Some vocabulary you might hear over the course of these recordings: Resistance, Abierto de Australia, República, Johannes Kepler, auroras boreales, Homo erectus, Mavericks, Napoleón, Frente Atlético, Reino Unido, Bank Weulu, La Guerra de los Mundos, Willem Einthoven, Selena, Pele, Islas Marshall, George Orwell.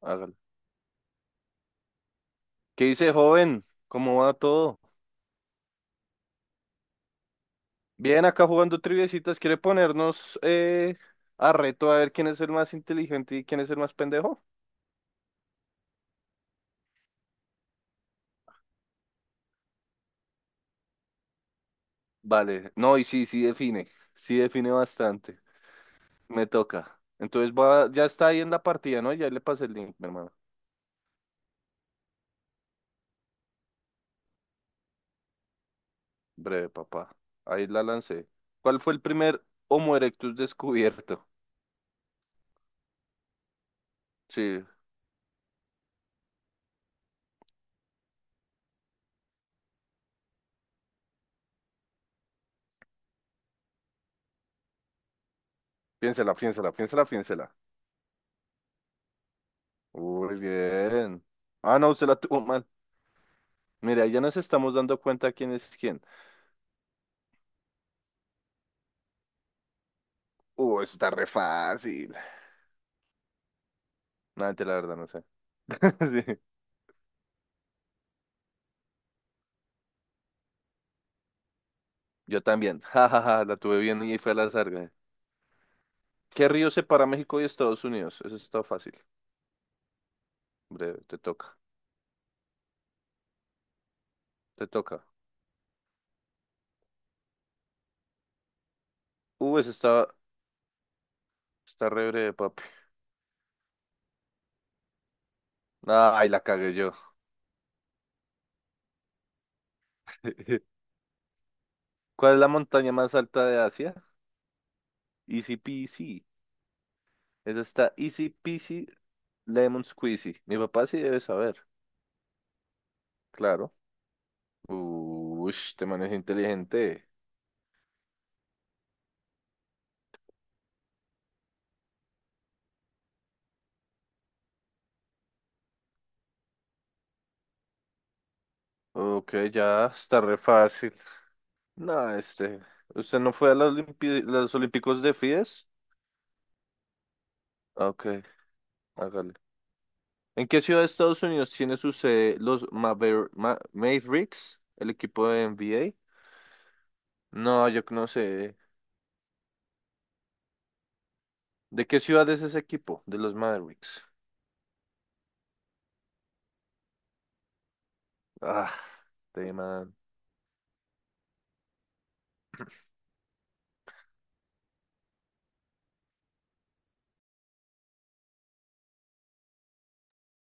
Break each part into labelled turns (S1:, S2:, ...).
S1: Hágale. ¿Qué dice, joven? ¿Cómo va todo? Bien, acá jugando triviecitas. ¿Quiere ponernos a reto a ver quién es el más inteligente y quién es el más pendejo? Vale. No, y sí, sí define. Sí define bastante. Me toca. Entonces va, ya está ahí en la partida, ¿no? Ya le pasé el link, mi hermano. Breve, papá. Ahí la lancé. ¿Cuál fue el primer Homo erectus descubierto? Sí. Piénsela, piénsela, piénsela, piénsela. Muy bien. Ah, no, usted la tuvo mal. Mira, ya nos estamos dando cuenta quién es quién. Eso está re fácil. No, ente, la verdad, no sé. Sí, yo también. Ja, ja, ja, la tuve bien y fue al azar, güey. ¿Qué río separa México y Estados Unidos? Eso está fácil. Breve, te toca. Te toca. Eso está re breve, papi. Ay, la cagué yo. ¿Cuál es la montaña más alta de Asia? Easy peasy. Esa está easy peasy, lemon squeezy. Mi papá sí debe saber, claro. Uy, te manejo inteligente. Ok, ya está re fácil. No, este. ¿Usted no fue a los Olímpicos de Fides? Ok, hágale. ¿En qué ciudad de Estados Unidos tiene su sede los Mavericks, el equipo de NBA? No, yo no sé. ¿De qué ciudad es ese equipo? De los Mavericks. Ah, de man.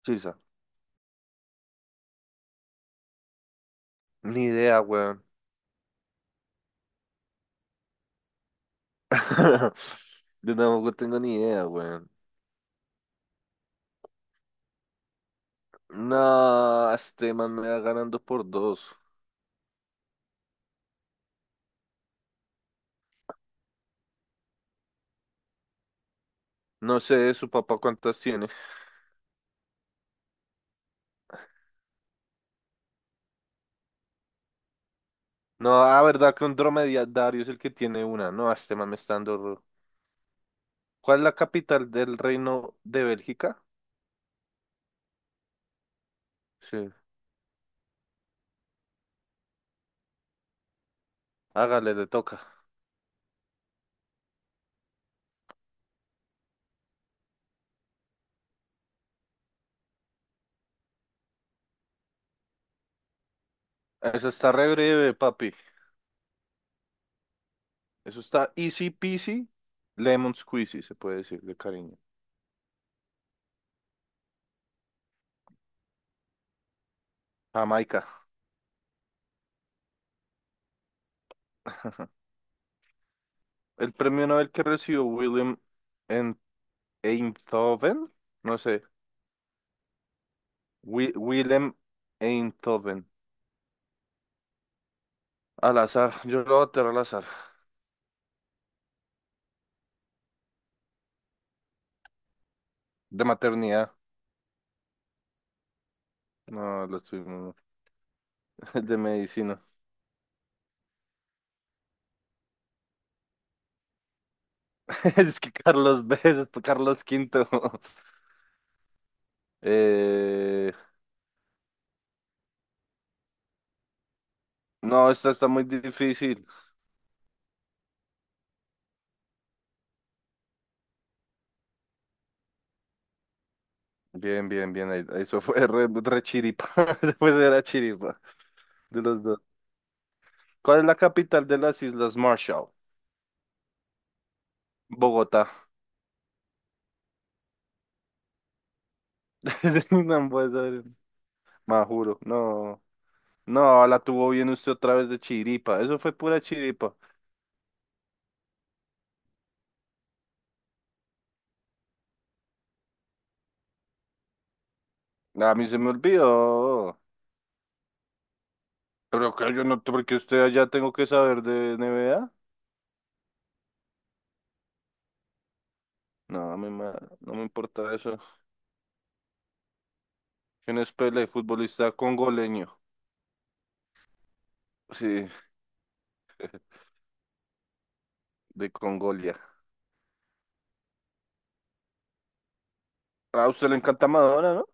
S1: Suiza. Ni idea, weón. Yo tampoco tengo ni idea, weón. No, este man me va ganando por dos. No sé, su papá cuántas tiene. No, ah verdad que un dromedario es el que tiene una. No, este man me está dando. ¿Cuál es la capital del reino de Bélgica? Sí. Hágale, le toca. Eso está re breve, papi. Eso está easy peasy, lemon squeezy, se puede decir de cariño. Jamaica. El premio Nobel que recibió en- Einthoven, no sé, Willem Einthoven, al azar, yo lo voy a tirar al azar, de maternidad, no, lo estoy, de medicina. Es que Carlos B, es Carlos Quinto. Eh, no, esta está muy difícil. Bien, bien, bien. Eso fue re chiripa. Después era chiripa de los dos. ¿Cuál es la capital de las Islas Marshall? Bogotá. No puede ser. Más juro. No. No, la tuvo bien usted otra vez de chiripa. Eso fue pura chiripa. A mí se me olvidó. Pero que yo no, porque usted allá tengo que saber de NBA. No, a mí no me importa eso. ¿Quién es Pele, futbolista congoleño? Sí, de Congolia. Ah, a usted le encanta Madonna, ¿no?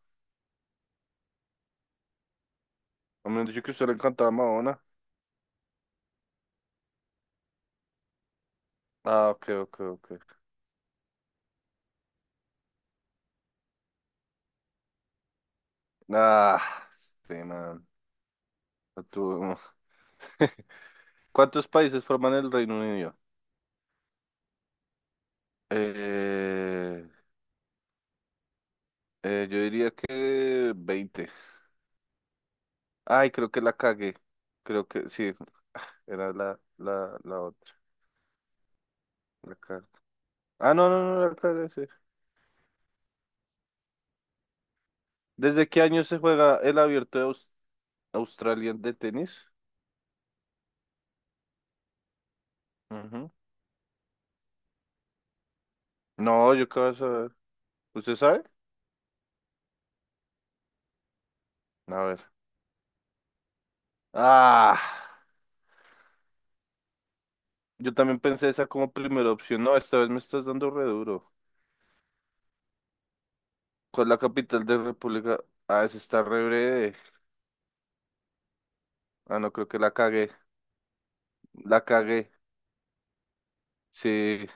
S1: A mí me han dicho que a usted le encantaba Madonna. Ah, ok, ok, ok. Ah, este man. No tuvo- ¿Cuántos países forman el Reino Unido? Eh, yo diría que 20. Ay, creo que la cagué. Creo que sí, era la otra. La cagué. Ah, no, no, no, la cagué, sí. ¿Desde qué año se juega el abierto de Australia de tenis? Ujú. No, yo qué vas a ver. ¿Usted sabe? A ver. Ah, yo también pensé esa como primera opción. No, esta vez me estás dando re duro. ¿Cuál es la capital de República? Ah, esa está re breve. Ah, no, creo que la cagué. La cagué. Sí.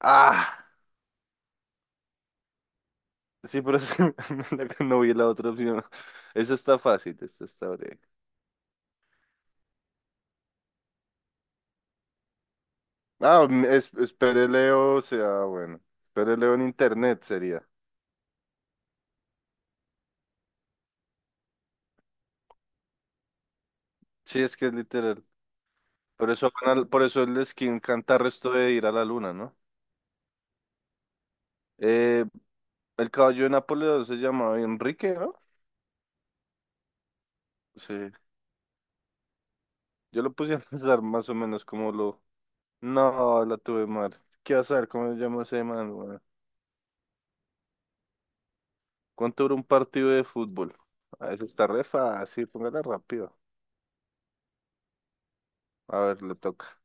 S1: Ah, sí, pero es que la que no vi la otra opción. Esa está fácil, esta está breve. Ah, espere Leo, o sea, bueno. Espere Leo en internet sería. Sí, es que es literal. Por eso, por eso el skin canta resto de ir a la luna, ¿no? Eh, el caballo de Napoleón se llamaba Enrique, ¿no? Sí. Yo lo puse a pensar más o menos como lo. No, la tuve mal. ¿Qué azar? ¿Cómo se llama ese man, weón? ¿Cuánto dura un partido de fútbol? Ah, eso está re fácil, póngala rápido. A ver, le toca.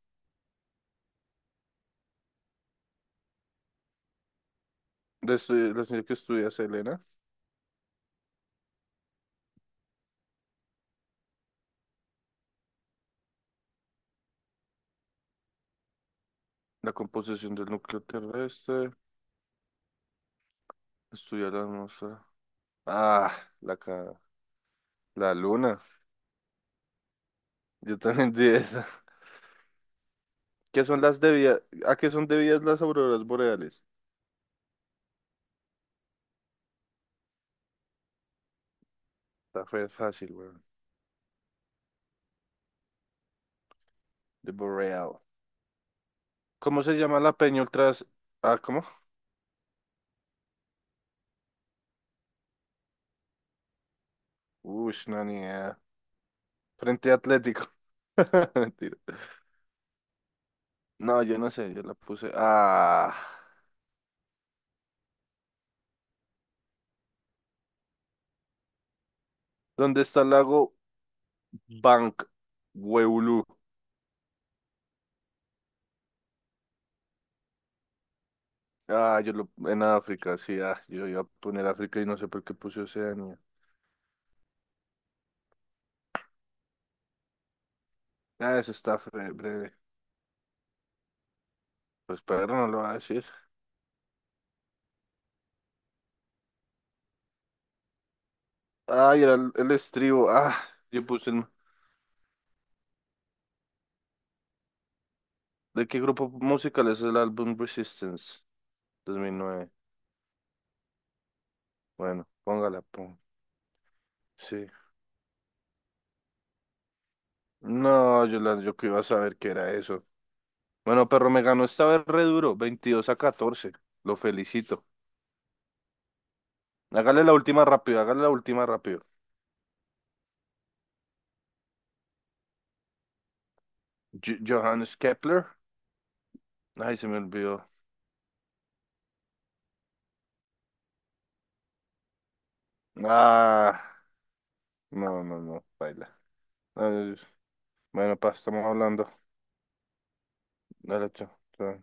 S1: La señora que estudia Selena, la composición del núcleo terrestre, estudia la atmósfera. Ah, la, ca- la luna. Yo también di esa. ¿Qué son las debidas? ¿A qué son debidas las auroras boreales? Está fácil, güey. The Boreal. ¿Cómo se llama la peña ultras? Ah, ¿cómo? Uy, no, ni idea. Frente Atlético. Mentira. No, yo no sé, yo la puse. Ah, ¿dónde está el lago Bank Weulu? Ah, yo lo en África, sí, yo iba a poner África y no sé por qué puse Oceanía. Ah, eso está breve. Pues pero no lo va a decir. Ay, era el estribo. Ah, yo puse ¿De qué grupo musical es el álbum Resistance? 2009. Bueno, póngala, pon. Sí. No, Yolanda, yo que iba a saber qué era eso. Bueno, perro, me ganó esta vez re duro, 22 a catorce. Lo felicito. Hágale la última rápido, hágale la última rápido. Johannes Kepler. Ay, se me olvidó. Ah, no, no, no, baila. Ay, bueno, pa, estamos hablando. Dale, chao. Chao.